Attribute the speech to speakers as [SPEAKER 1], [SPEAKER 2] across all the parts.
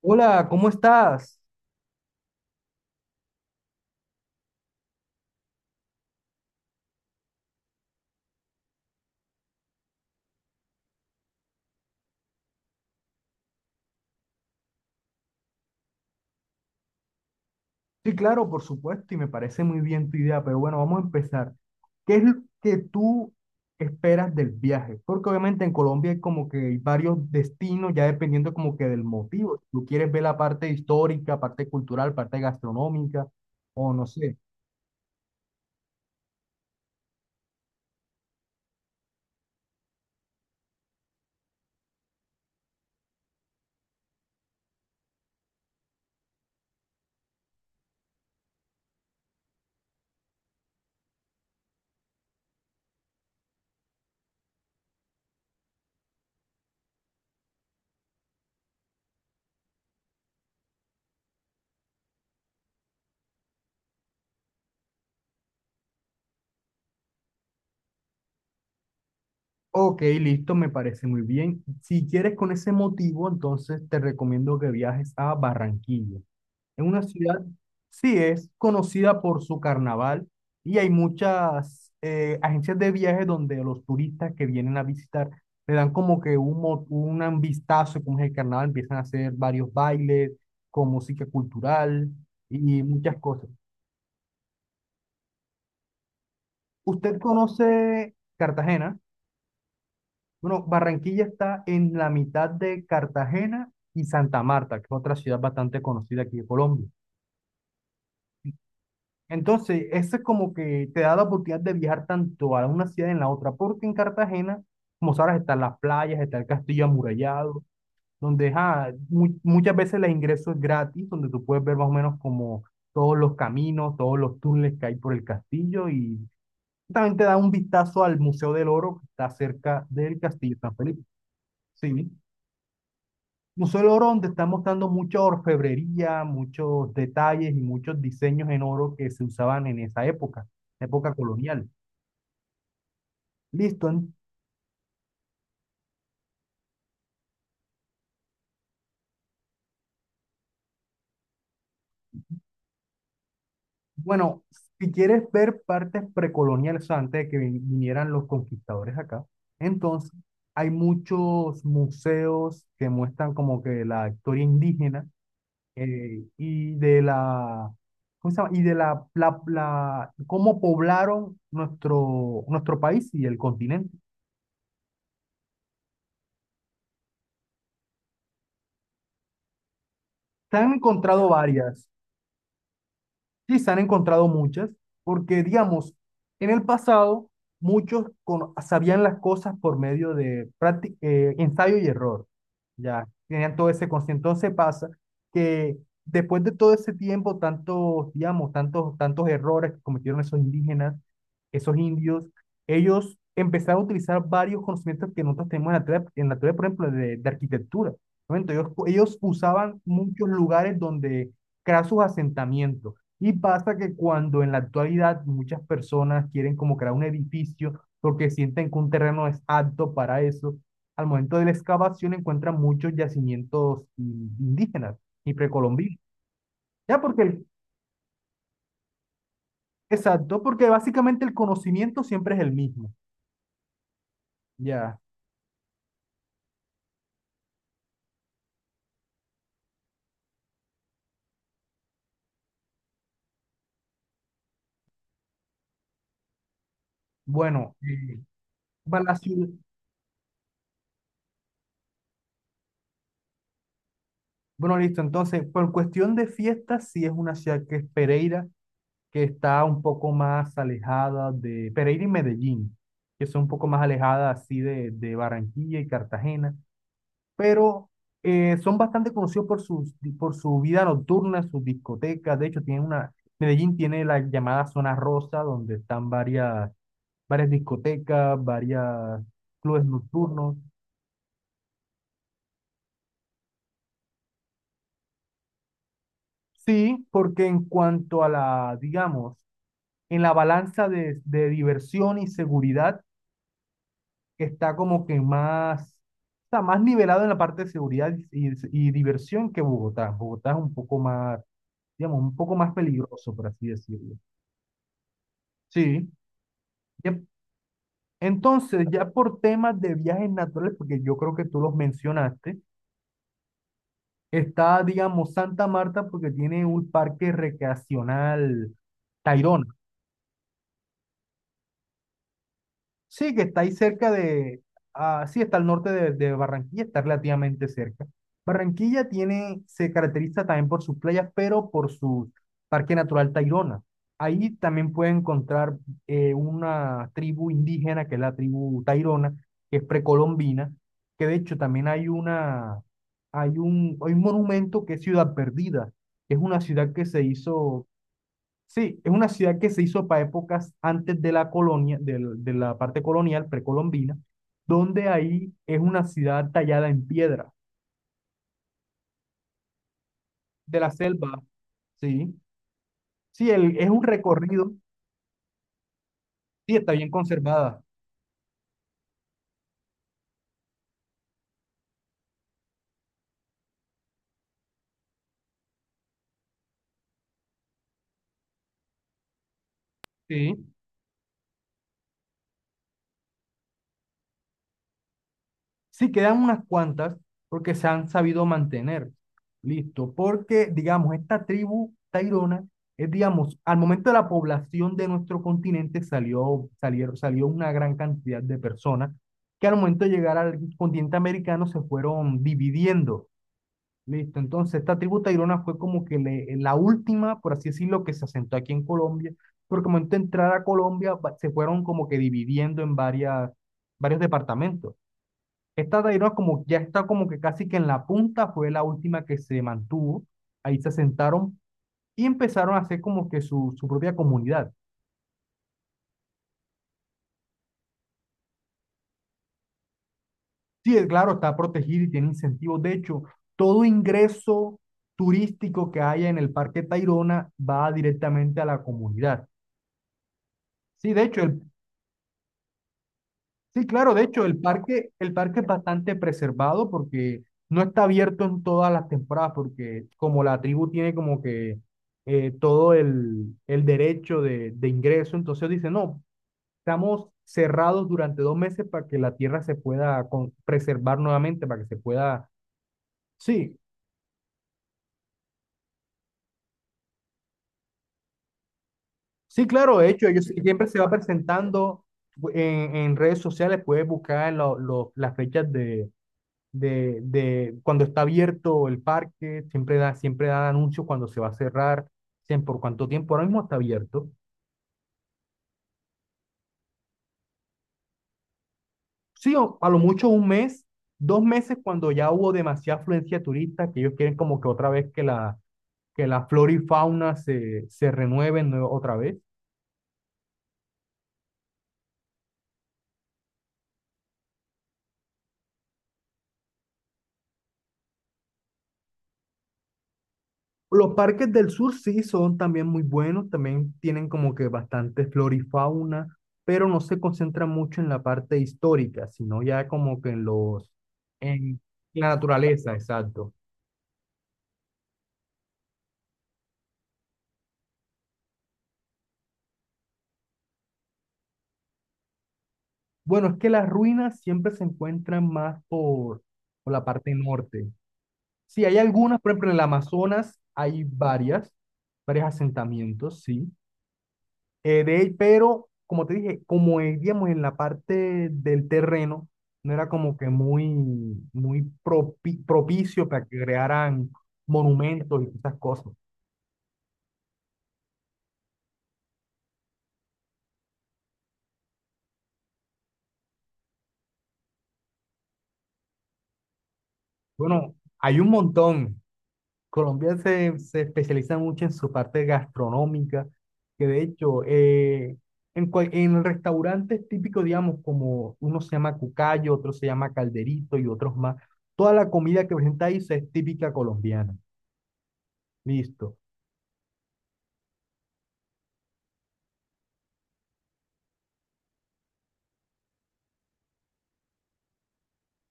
[SPEAKER 1] Hola, ¿cómo estás? Sí, claro, por supuesto, y me parece muy bien tu idea, pero bueno, vamos a empezar. ¿Qué es lo que tú esperas del viaje? Porque obviamente en Colombia hay como que hay varios destinos, ya dependiendo como que del motivo. Si tú quieres ver la parte histórica, parte cultural, parte gastronómica, o no sé. Ok, listo, me parece muy bien. Si quieres con ese motivo, entonces te recomiendo que viajes a Barranquilla. Es una ciudad, sí, es conocida por su carnaval y hay muchas agencias de viajes donde los turistas que vienen a visitar le dan como que un, un vistazo de cómo es el carnaval, empiezan a hacer varios bailes con música cultural y muchas cosas. ¿Usted conoce Cartagena? Bueno, Barranquilla está en la mitad de Cartagena y Santa Marta, que es otra ciudad bastante conocida aquí de Colombia. Entonces, eso es como que te da la oportunidad de viajar tanto a una ciudad en la otra, porque en Cartagena, como sabes, están las playas, está el castillo amurallado, donde muchas veces el ingreso es gratis, donde tú puedes ver más o menos como todos los caminos, todos los túneles que hay por el castillo y también te da un vistazo al Museo del Oro que está cerca del castillo de San Felipe. Sí. Museo del Oro, donde están mostrando mucha orfebrería, muchos detalles y muchos diseños en oro que se usaban en esa época, época colonial. Listo. Bueno, si quieres ver partes precoloniales, antes de que vinieran los conquistadores acá, entonces hay muchos museos que muestran como que la historia indígena y de la, ¿cómo se llama? Y de la, cómo poblaron nuestro país y el continente. Se han encontrado varias. Sí, se han encontrado muchas, porque digamos, en el pasado muchos sabían las cosas por medio de ensayo y error, ya tenían todo ese conocimiento. Entonces pasa que después de todo ese tiempo, tantos, digamos, tantos errores que cometieron esos indígenas, esos indios, ellos empezaron a utilizar varios conocimientos que nosotros tenemos en la teoría, por ejemplo, de arquitectura. ¿No? Entonces, ellos usaban muchos lugares donde crear sus asentamientos. Y pasa que cuando en la actualidad muchas personas quieren como crear un edificio porque sienten que un terreno es apto para eso, al momento de la excavación encuentran muchos yacimientos indígenas y precolombinos. Ya porque el, exacto, porque básicamente el conocimiento siempre es el mismo. Ya. Bueno, para la ciudad- bueno, listo. Entonces, por cuestión de fiestas, sí es una ciudad que es Pereira, que está un poco más alejada de Pereira y Medellín, que son un poco más alejadas así de Barranquilla y Cartagena, pero son bastante conocidos por, por su vida nocturna, sus discotecas. De hecho, tienen una, Medellín tiene la llamada Zona Rosa, donde están varias discotecas, varias clubes nocturnos. Sí, porque en cuanto a la, digamos, en la balanza de diversión y seguridad, que está como que más, está más nivelado en la parte de seguridad y diversión que Bogotá. Bogotá es un poco más, digamos, un poco más peligroso, por así decirlo. Sí. ya- Entonces, ya por temas de viajes naturales, porque yo creo que tú los mencionaste, está, digamos, Santa Marta porque tiene un parque recreacional, Tayrona. Sí, que está ahí sí, está al norte de Barranquilla, está relativamente cerca. Barranquilla tiene, se caracteriza también por sus playas, pero por su Parque Natural Tayrona. Ahí también puede encontrar una tribu indígena, que es la tribu Tayrona, que es precolombina, que de hecho también hay una, hay un monumento que es Ciudad Perdida, que es una ciudad que se hizo. Sí, es una ciudad que se hizo para épocas antes de la colonia, de la parte colonial precolombina, donde ahí es una ciudad tallada en piedra, de la selva, sí. Sí, es un recorrido, sí, está bien conservada, sí. Sí, quedan unas cuantas porque se han sabido mantener. Listo, porque digamos, esta tribu tairona es, digamos, al momento de la población de nuestro continente salió una gran cantidad de personas que al momento de llegar al continente americano se fueron dividiendo. Listo, entonces esta tribu tairona fue como que la última, por así decirlo, que se asentó aquí en Colombia, porque al momento de entrar a Colombia se fueron como que dividiendo en varias, varios departamentos. Esta Tayrona como ya está como que casi que en la punta, fue la última que se mantuvo. Ahí se asentaron y empezaron a hacer como que su propia comunidad. Sí, es claro, está protegida y tiene incentivos. De hecho, todo ingreso turístico que haya en el Parque Tayrona va directamente a la comunidad. Sí, de hecho, el, sí, claro, de hecho, el parque es bastante preservado porque no está abierto en todas las temporadas, porque como la tribu tiene como que todo el derecho de ingreso, entonces dice, no, estamos cerrados durante dos meses para que la tierra se pueda preservar nuevamente, para que se pueda... Sí, sí, claro, de hecho, ellos siempre se va presentando en redes sociales, puedes buscar en las fechas de de cuando está abierto el parque, siempre da anuncios cuando se va a cerrar, siempre por cuánto tiempo, ahora mismo está abierto. Sí, o a lo mucho un mes, dos meses cuando ya hubo demasiada afluencia de turistas, que ellos quieren como que otra vez que la flora y fauna se, se renueven otra vez. Los parques del sur sí son también muy buenos, también tienen como que bastante flora y fauna, pero no se concentran mucho en la parte histórica, sino ya como que en los, en la naturaleza, exacto. Bueno, es que las ruinas siempre se encuentran más por la parte norte. Sí, hay algunas, por ejemplo, en el Amazonas hay varias, varios asentamientos, sí. De él, pero como te dije, como vivíamos en la parte del terreno, no era como que muy, muy propicio para que crearan monumentos y esas cosas. Bueno, hay un montón. Colombia se, se especializa mucho en su parte gastronómica, que de hecho, en restaurantes típicos, digamos, como uno se llama cucayo, otro se llama calderito y otros más, toda la comida que presenta ahí se es típica colombiana. Listo.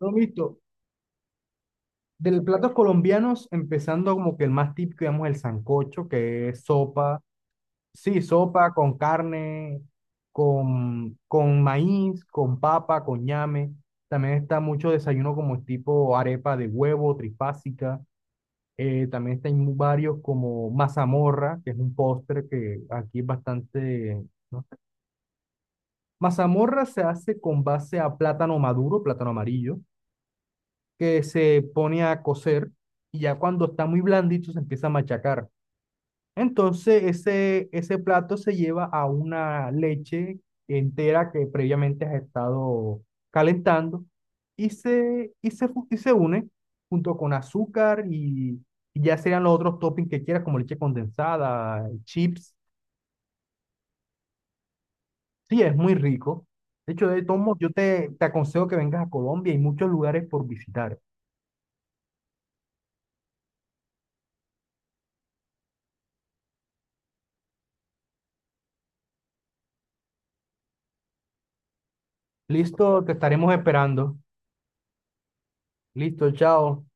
[SPEAKER 1] No, listo. Del platos colombianos, empezando como que el más típico, digamos, el sancocho, que es sopa, sí, sopa con carne, con maíz, con papa, con ñame. También está mucho desayuno como tipo arepa de huevo, trifásica. También está en varios como mazamorra, que es un postre que aquí es bastante... ¿No? Mazamorra se hace con base a plátano maduro, plátano amarillo, que se pone a cocer y ya cuando está muy blandito se empieza a machacar. Entonces ese plato se lleva a una leche entera que previamente has estado calentando y se, y se une junto con azúcar y ya serían los otros toppings que quieras, como leche condensada, chips. Sí, es muy rico. De hecho, de todos modos, yo te, te aconsejo que vengas a Colombia, hay muchos lugares por visitar. Listo, te estaremos esperando. Listo, chao.